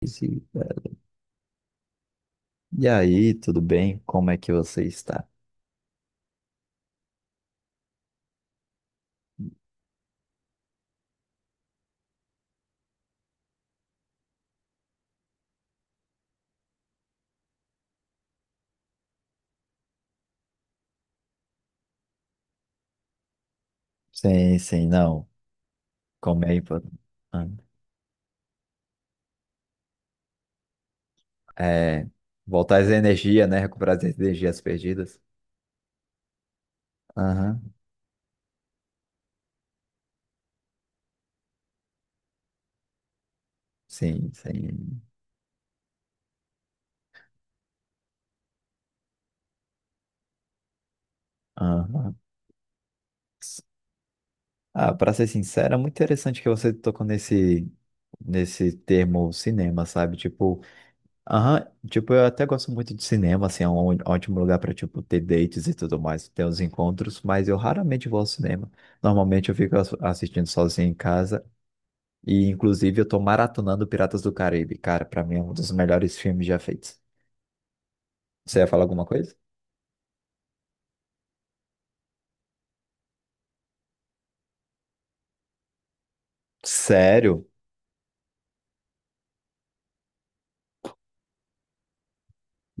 Velho. E aí, tudo bem? Como é que você está? Sim, sim, não. Comer é importante. É, voltar as energias, né? Recuperar as energias perdidas. Aham, sim, sim. Aham. Ah, para ser sincero, é muito interessante que você tocou nesse termo cinema, sabe? Tipo, aham, tipo, eu até gosto muito de cinema, assim, é um ótimo lugar para tipo, ter dates e tudo mais, ter os encontros, mas eu raramente vou ao cinema. Normalmente eu fico assistindo sozinho em casa e, inclusive, eu tô maratonando Piratas do Caribe. Cara, para mim é um dos melhores filmes já feitos. Você ia falar alguma coisa? Sério?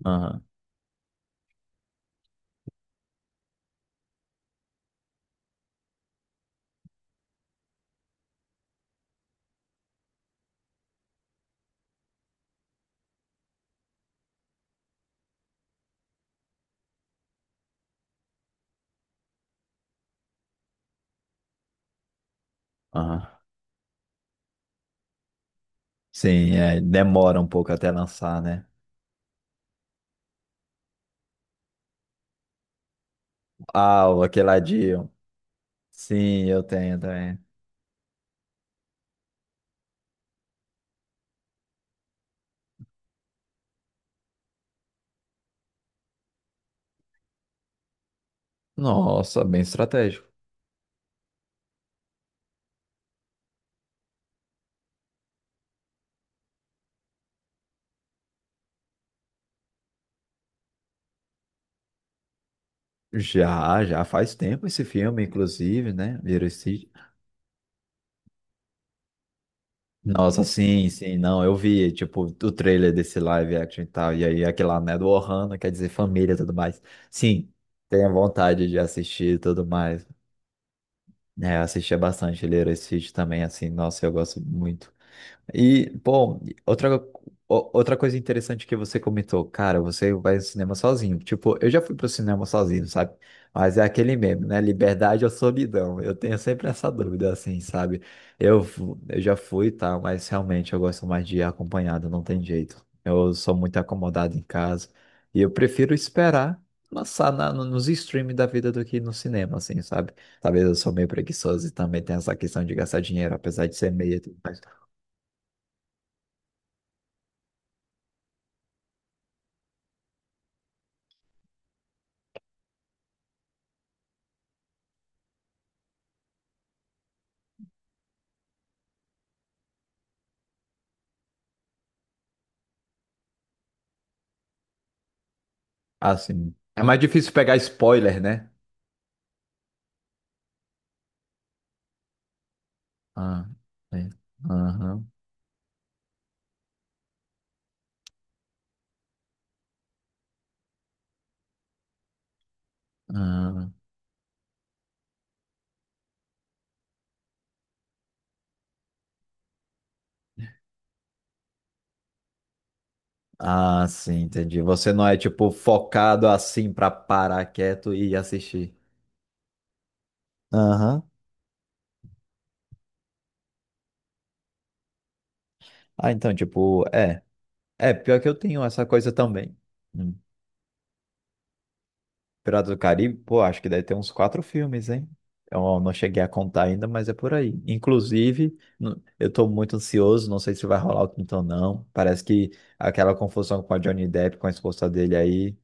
Aham, aham. Sim, é, demora um pouco até lançar, né? Ah, o aquele ladinho. Sim, eu tenho também. Nossa, bem estratégico. Já, já faz tempo esse filme, inclusive, né? Veracity. Nossa, sim, sim, não, eu vi, tipo, o trailer desse live action e tal, e aí aquele lá, né, do Ohana, quer dizer família e tudo mais. Sim, tenho vontade de assistir e tudo mais. É, eu assistia bastante Lilo e Stitch também, assim, nossa, eu gosto muito. E, bom, outra, outra coisa interessante que você comentou, cara, você vai ao cinema sozinho. Tipo, eu já fui pro cinema sozinho, sabe? Mas é aquele meme, né? Liberdade ou solidão? Eu tenho sempre essa dúvida, assim, sabe? Eu já fui, tá? Mas realmente eu gosto mais de ir acompanhado, não tem jeito. Eu sou muito acomodado em casa e eu prefiro esperar lançar na, no- nos streams da vida do que ir no cinema, assim, sabe? Talvez eu sou meio preguiçoso e também tenho essa questão de gastar dinheiro, apesar de ser meio. Assim. É mais difícil pegar spoiler, né? Ah, é. Aham, aham. Ah, sim, entendi. Você não é, tipo, focado assim pra parar quieto e assistir. Aham. Ah, então, tipo, é. É, pior que eu tenho essa coisa também. Piratas do Caribe, pô, acho que deve ter uns quatro filmes, hein? Eu não cheguei a contar ainda, mas é por aí. Inclusive, eu tô muito ansioso, não sei se vai rolar o quinto ou não. Parece que aquela confusão com a Johnny Depp, com a esposa dele aí,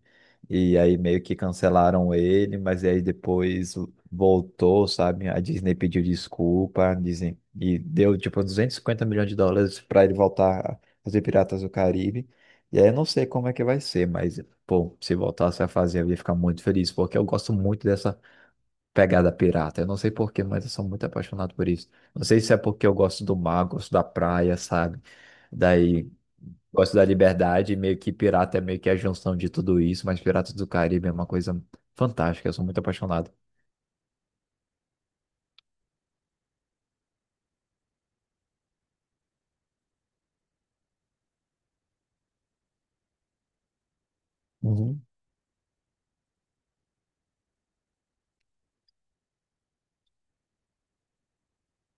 e aí meio que cancelaram ele, mas aí depois voltou, sabe? A Disney pediu desculpa, dizem, e deu tipo 250 milhões de dólares para ele voltar a fazer Piratas do Caribe. E aí eu não sei como é que vai ser, mas pô, se voltasse a fazer, eu ia ficar muito feliz, porque eu gosto muito dessa pegada pirata. Eu não sei porquê, mas eu sou muito apaixonado por isso. Não sei se é porque eu gosto do mar, gosto da praia, sabe? Daí, gosto da liberdade, e meio que pirata é meio que a junção de tudo isso, mas Piratas do Caribe é uma coisa fantástica, eu sou muito apaixonado. Uhum.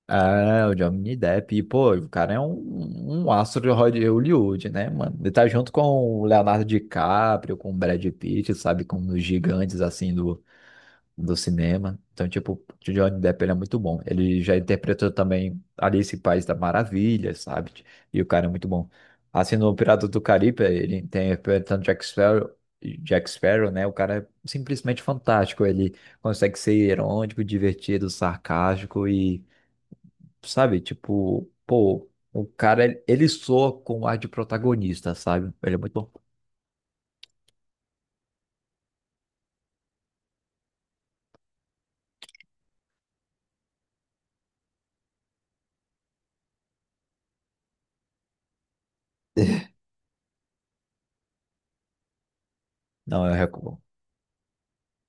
É, o Johnny Depp, e, pô, o cara é um, um astro de Hollywood, né, mano? Ele tá junto com o Leonardo DiCaprio, com o Brad Pitt, sabe? Com os gigantes, assim, do cinema. Então, tipo, o Johnny Depp ele é muito bom. Ele já interpretou também Alice em País da Maravilha, sabe? E o cara é muito bom. Assim, no Piratas do Caribe, ele interpretando Jack Sparrow, Jack Sparrow, né? O cara é simplesmente fantástico. Ele consegue ser irônico, divertido, sarcástico e, sabe? Tipo, pô, o cara, ele soa com o ar de protagonista, sabe? Ele é muito bom. Não, eu recomendo.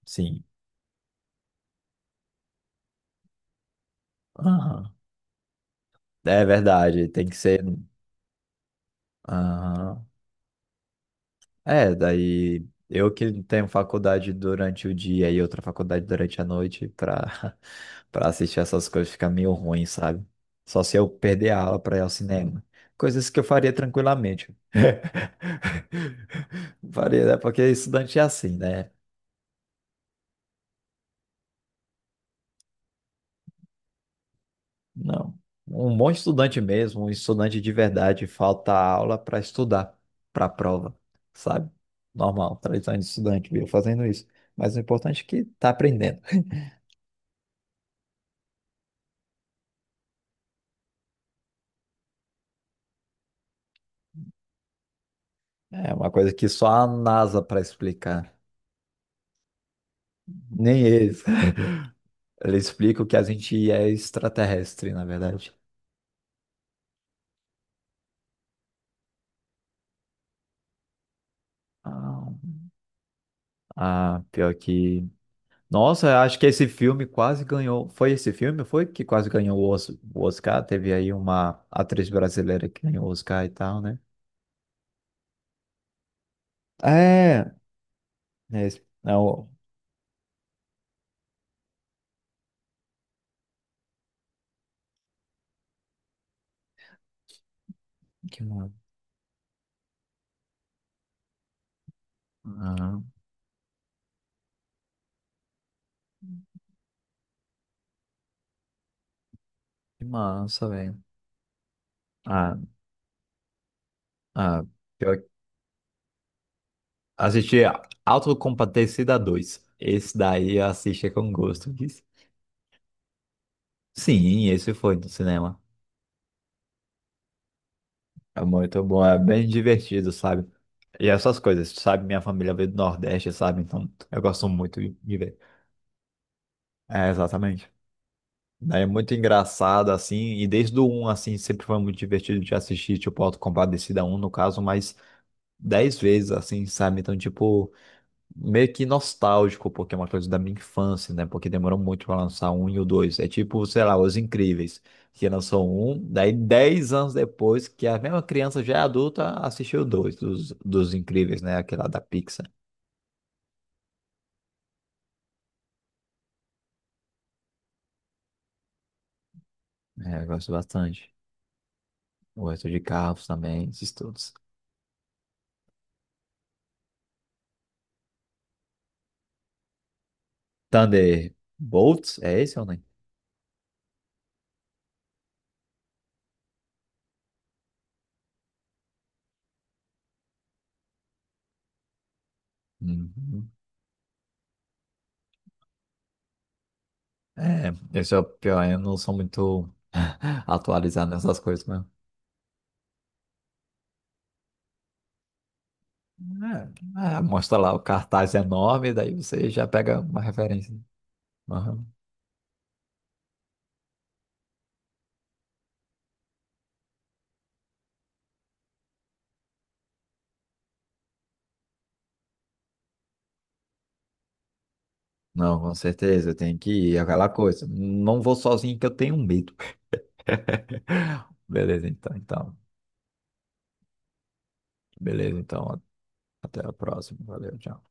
Sim. Aham. É verdade, tem que ser. Aham. É, daí eu que tenho faculdade durante o dia e outra faculdade durante a noite pra, pra assistir essas coisas fica meio ruim, sabe? Só se eu perder a aula pra ir ao cinema. Coisas que eu faria tranquilamente. Faria, né? Porque estudante é assim, né? Não. Um bom estudante mesmo, um estudante de verdade, falta a aula para estudar, para a prova, sabe? Normal, tradição de estudante, viu? Fazendo isso. Mas o importante é que tá aprendendo. É uma coisa que só a NASA para explicar. Nem eles. Eles explicam que a gente é extraterrestre, na verdade. Ah, ah, pior que. Nossa, eu acho que esse filme quase ganhou. Foi esse filme? Foi que quase ganhou o Oscar? Teve aí uma atriz brasileira que ganhou o Oscar e tal, né? É. É, é o... Que massa. Ah, que massa, velho. Ah, ah, pior que. Assisti Autocompadecida 2. Esse daí eu assisti com gosto. Sim, esse foi no cinema. É muito bom, é bem divertido, sabe? E essas coisas, sabe? Minha família veio do Nordeste, sabe? Então eu gosto muito de ver. É, exatamente. Daí é muito engraçado, assim, e desde o um assim, sempre foi muito divertido de assistir, tipo, Auto da um no caso, mas 10 vezes, assim, sabe? Então, tipo, meio que nostálgico, porque é uma coisa da minha infância, né? Porque demorou muito para lançar um e o dois. É tipo, sei lá, Os Incríveis, que lançou um, daí 10 anos depois, que a mesma criança já é adulta assistiu o dois dos Incríveis, né? Aquela da Pixar. É, eu gosto bastante. O resto de Carros também, esses todos. Thunderbolts, é esse ou não? Uhum. É, esse é o pior, eu não sou muito atualizado nessas coisas, né? É, é, mostra lá o cartaz enorme, daí você já pega uma referência. Aham. Não, com certeza, tem que ir, é aquela coisa. Não vou sozinho que eu tenho medo. Beleza, então, então. Beleza, então. Até a próxima. Valeu, tchau.